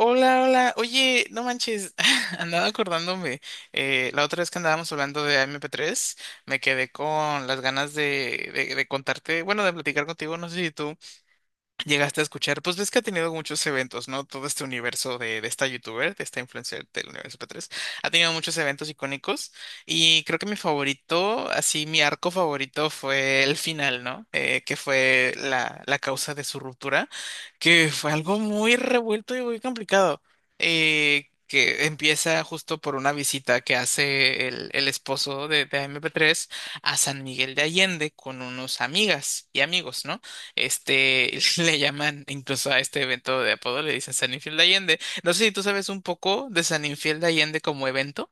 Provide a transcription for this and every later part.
Hola, hola. Oye, no manches, andaba acordándome. La otra vez que andábamos hablando de MP3, me quedé con las ganas de contarte, bueno, de platicar contigo, no sé si tú. Llegaste a escuchar, pues ves que ha tenido muchos eventos, ¿no? Todo este universo de esta youtuber, de esta influencer del universo P3 ha tenido muchos eventos icónicos, y creo que mi favorito, así mi arco favorito fue el final, ¿no? Que fue la causa de su ruptura, que fue algo muy revuelto y muy complicado, que empieza justo por una visita que hace el esposo de MP3 a San Miguel de Allende con unos amigas y amigos, ¿no? Le llaman incluso a este evento de apodo, le dicen San Infiel de Allende. No sé si tú sabes un poco de San Infiel de Allende como evento.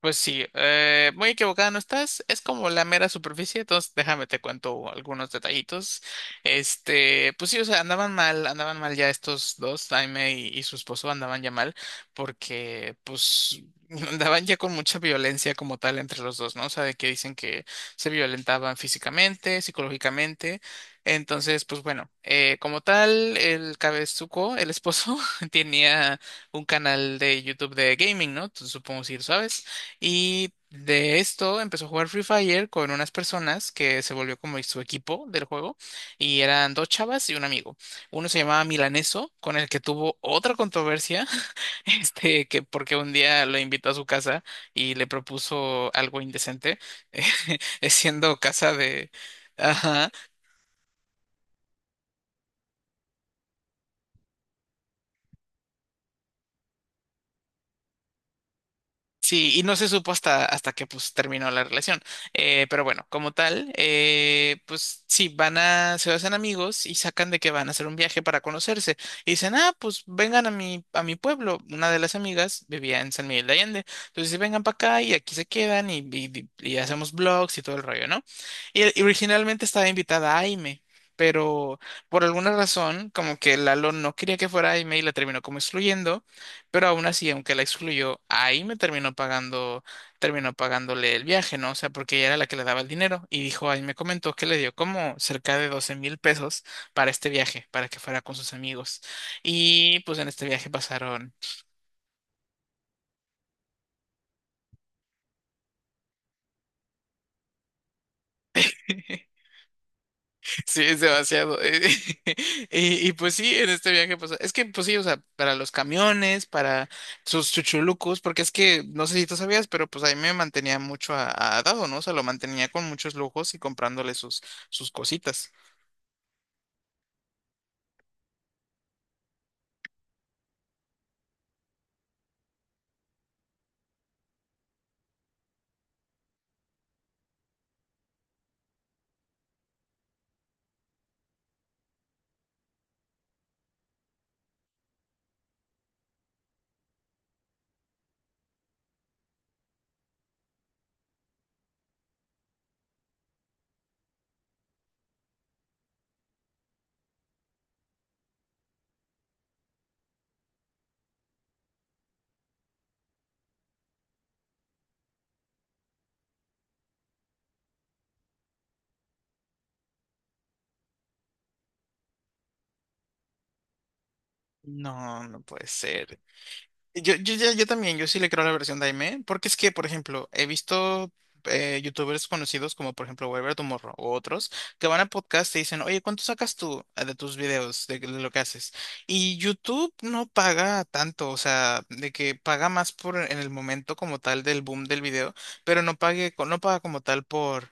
Pues sí, muy equivocada no estás, es como la mera superficie, entonces déjame te cuento algunos detallitos. Pues sí, o sea, andaban mal ya estos dos, Jaime y su esposo andaban ya mal, porque pues andaban ya con mucha violencia como tal entre los dos, ¿no? O sea, de que dicen que se violentaban físicamente, psicológicamente. Entonces, pues bueno, como tal, el cabezuco, el esposo, tenía un canal de YouTube de gaming, ¿no? Tú supongo si lo sabes. Y de esto empezó a jugar Free Fire con unas personas que se volvió como su equipo del juego. Y eran dos chavas y un amigo. Uno se llamaba Milaneso, con el que tuvo otra controversia, que porque un día lo invitó a su casa y le propuso algo indecente, siendo casa de. Ajá. Sí, y no se supo hasta que pues terminó la relación. Pero bueno, como tal, pues sí, se hacen amigos y sacan de que van a hacer un viaje para conocerse. Y dicen, ah, pues vengan a mi, pueblo. Una de las amigas vivía en San Miguel de Allende. Entonces, dice, vengan para acá y aquí se quedan y hacemos vlogs y todo el rollo, ¿no? Y originalmente estaba invitada Aime. Pero por alguna razón, como que Lalo no quería que fuera Aime y la terminó como excluyendo. Pero aún así, aunque la excluyó, ahí me terminó pagando, terminó pagándole el viaje, ¿no? O sea, porque ella era la que le daba el dinero y dijo, ahí me comentó que le dio como cerca de 12,000 pesos para este viaje, para que fuera con sus amigos. Y pues en este viaje pasaron. Sí, es demasiado. Y pues sí, en este viaje, pues es que, pues sí, o sea, para los camiones, para sus chuchulucos, porque es que, no sé si tú sabías, pero pues ahí me mantenía mucho a, Dado, ¿no? O sea, lo mantenía con muchos lujos y comprándole sus cositas. No, no puede ser. Yo también, yo sí le creo a la versión de Aimee, porque es que, por ejemplo, he visto youtubers conocidos como, por ejemplo, Weber Tomorrow o otros, que van a podcast y dicen, oye, ¿cuánto sacas tú de tus videos, de lo que haces? Y YouTube no paga tanto, o sea, de que paga más por en el momento como tal del boom del video, pero no paga como tal por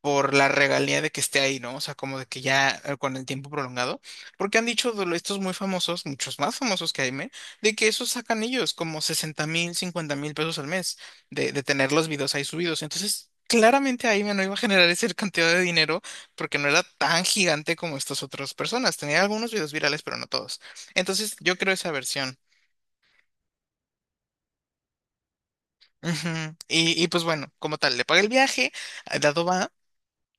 por la regalía de que esté ahí, ¿no? O sea, como de que ya con el tiempo prolongado, porque han dicho estos muy famosos, muchos más famosos que Jaime, de que esos sacan ellos como 60 mil, 50 mil pesos al mes de tener los videos ahí subidos. Entonces, claramente Jaime no iba a generar esa cantidad de dinero porque no era tan gigante como estas otras personas. Tenía algunos videos virales, pero no todos. Entonces, yo creo esa versión. Ujú. Y pues bueno, como tal, le paga el viaje, Dado va.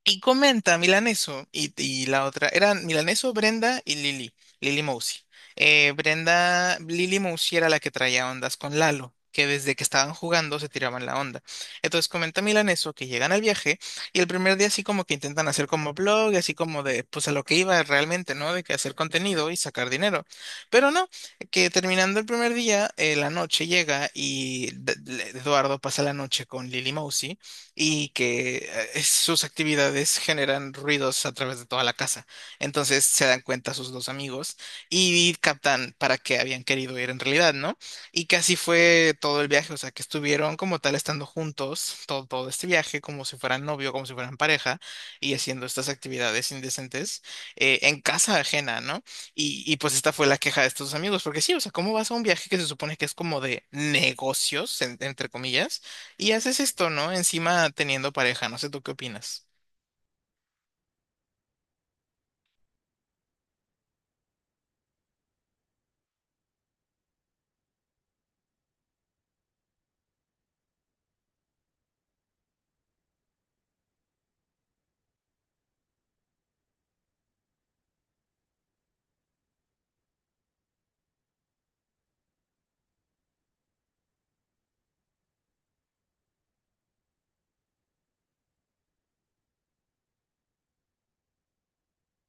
Y comenta Milaneso y la otra, eran Milaneso, Brenda y Lili, Lili Mousi. Brenda, Lili Mousi era la que traía ondas con Lalo, que desde que estaban jugando se tiraban la onda. Entonces comenta Milaneso que llegan al viaje y el primer día así como que intentan hacer como blog, y así como de, pues a lo que iba realmente, ¿no? De que hacer contenido y sacar dinero. Pero no, que terminando el primer día, la noche llega y Eduardo pasa la noche con Lili Mousi, y que sus actividades generan ruidos a través de toda la casa. Entonces se dan cuenta sus dos amigos y captan para qué habían querido ir en realidad, ¿no? Y que así fue todo el viaje, o sea, que estuvieron como tal estando juntos todo este viaje, como si fueran novio, como si fueran pareja, y haciendo estas actividades indecentes en casa ajena, ¿no? Y pues esta fue la queja de estos amigos, porque sí, o sea, ¿cómo vas a un viaje que se supone que es como de negocios, entre comillas? Y haces esto, ¿no? Encima teniendo pareja, no sé tú qué opinas.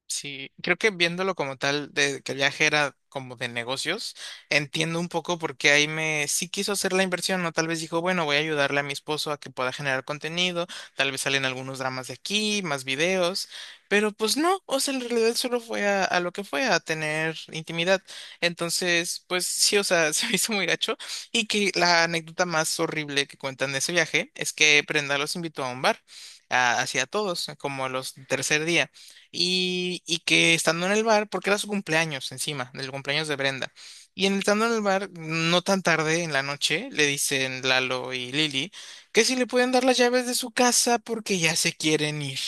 Sí, creo que viéndolo como tal, de que el viaje era como de negocios, entiendo un poco por qué ahí me sí quiso hacer la inversión, ¿no? Tal vez dijo, bueno, voy a ayudarle a mi esposo a que pueda generar contenido, tal vez salen algunos dramas de aquí, más videos, pero pues no, o sea, en realidad solo fue a, lo que fue, a tener intimidad. Entonces, pues sí, o sea, se me hizo muy gacho. Y que la anécdota más horrible que cuentan de ese viaje es que Prenda los invitó a un bar, hacia todos, como los tercer día, y que estando en el bar, porque era su cumpleaños encima, del cumpleaños de Brenda, estando en el bar, no tan tarde en la noche, le dicen Lalo y Lili que si le pueden dar las llaves de su casa porque ya se quieren ir.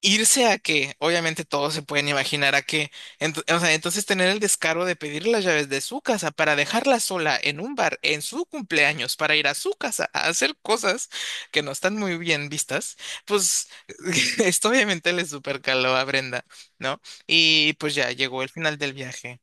Irse a que, obviamente todos se pueden imaginar a que, o sea, entonces tener el descaro de pedir las llaves de su casa para dejarla sola en un bar en su cumpleaños para ir a su casa a hacer cosas que no están muy bien vistas, pues esto obviamente le supercaló a Brenda, ¿no? Y pues ya llegó el final del viaje.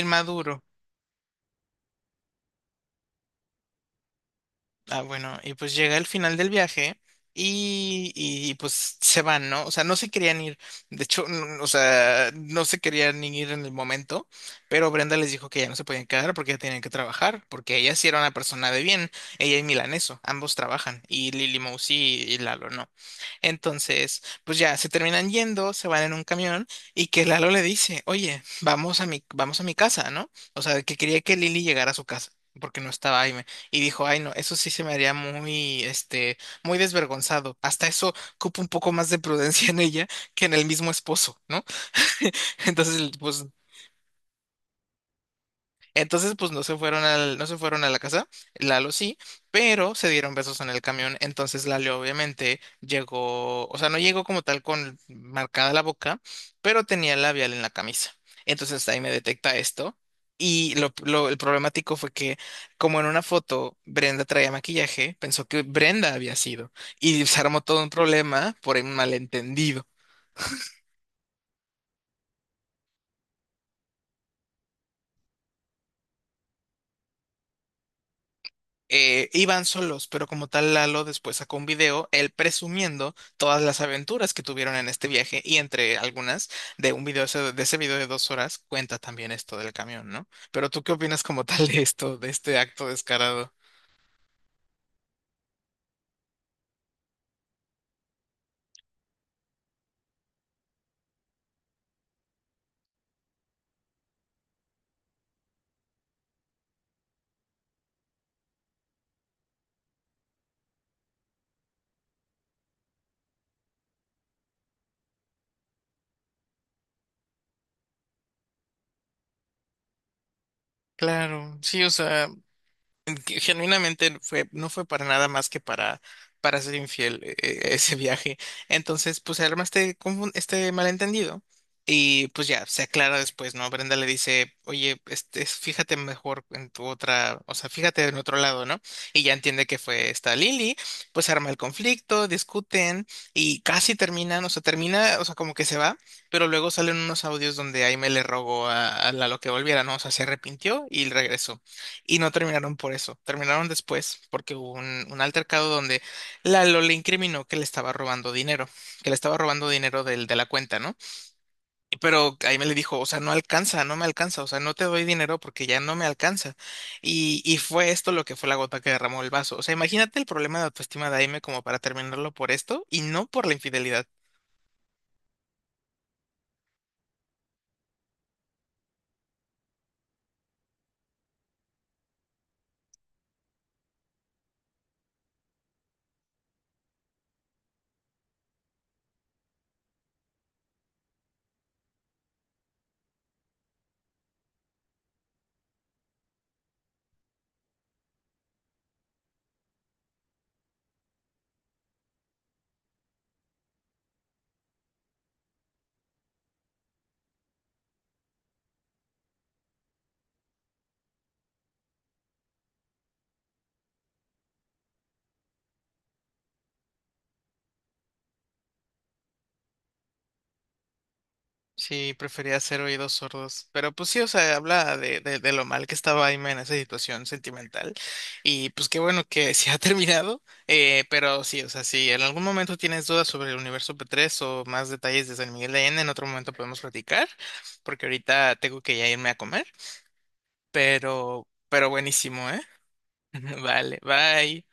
Inmaduro. Ah, bueno, y pues llega el final del viaje y pues se van, ¿no? O sea, no se querían ir, de hecho, o sea, no se querían ni ir en el momento, pero Brenda les dijo que ya no se podían quedar porque ya tenían que trabajar, porque ella sí era una persona de bien, ella y Milaneso, ambos trabajan, y Lily Mousy y Lalo no. Entonces, pues ya se terminan yendo, se van en un camión y que Lalo le dice, oye, vamos a mi casa, ¿no? O sea, que quería que Lily llegara a su casa. Porque no estaba ahí y dijo, ay no, eso sí se me haría muy desvergonzado. Hasta eso cupo un poco más de prudencia en ella que en el mismo esposo, ¿no? Entonces, pues Entonces, pues no se fueron a la casa, Lalo sí, pero se dieron besos en el camión. Entonces Lalo obviamente llegó, o sea, no llegó como tal con marcada la boca, pero tenía el labial en la camisa. Entonces ahí me detecta esto. El problemático fue que, como en una foto Brenda traía maquillaje, pensó que Brenda había sido. Y se armó todo un problema por un malentendido. Iban solos, pero como tal Lalo después sacó un video, él presumiendo todas las aventuras que tuvieron en este viaje y entre algunas de ese video de 2 horas cuenta también esto del camión, ¿no? ¿Pero tú qué opinas como tal de esto, de este acto descarado? Claro, sí, o sea. Que genuinamente fue, no fue para nada más que para ser infiel ese viaje. Entonces, pues se arma este malentendido y pues ya se aclara después, ¿no? Brenda le dice, oye, fíjate mejor en tu otra, o sea, fíjate en otro lado, ¿no? Y ya entiende que fue esta Lily, pues se arma el conflicto, discuten y casi terminan, o sea, termina, o sea, como que se va, pero luego salen unos audios donde Aime le rogó a, Lalo que volviera, ¿no? O sea, se arrepintió y regresó. Y no terminaron por eso, terminaron después porque hubo un altercado donde Lalo le incriminó que le estaba robando dinero, que le estaba robando dinero de la cuenta, ¿no? Y pero ahí me le dijo, o sea, no alcanza, no me alcanza, o sea, no te doy dinero porque ya no me alcanza. Y fue esto lo que fue la gota que derramó el vaso. O sea, imagínate el problema de autoestima de Aime como para terminarlo por esto y no por la infidelidad. Sí, prefería ser oídos sordos. Pero pues sí, o sea, habla de lo mal que estaba Aime en esa situación sentimental. Y pues qué bueno que se ha terminado. Pero sí, o sea, si en algún momento tienes dudas sobre el universo P3 o más detalles de San Miguel de Allende, en otro momento podemos platicar, porque ahorita tengo que ya irme a comer. Pero buenísimo, ¿eh? Vale, bye.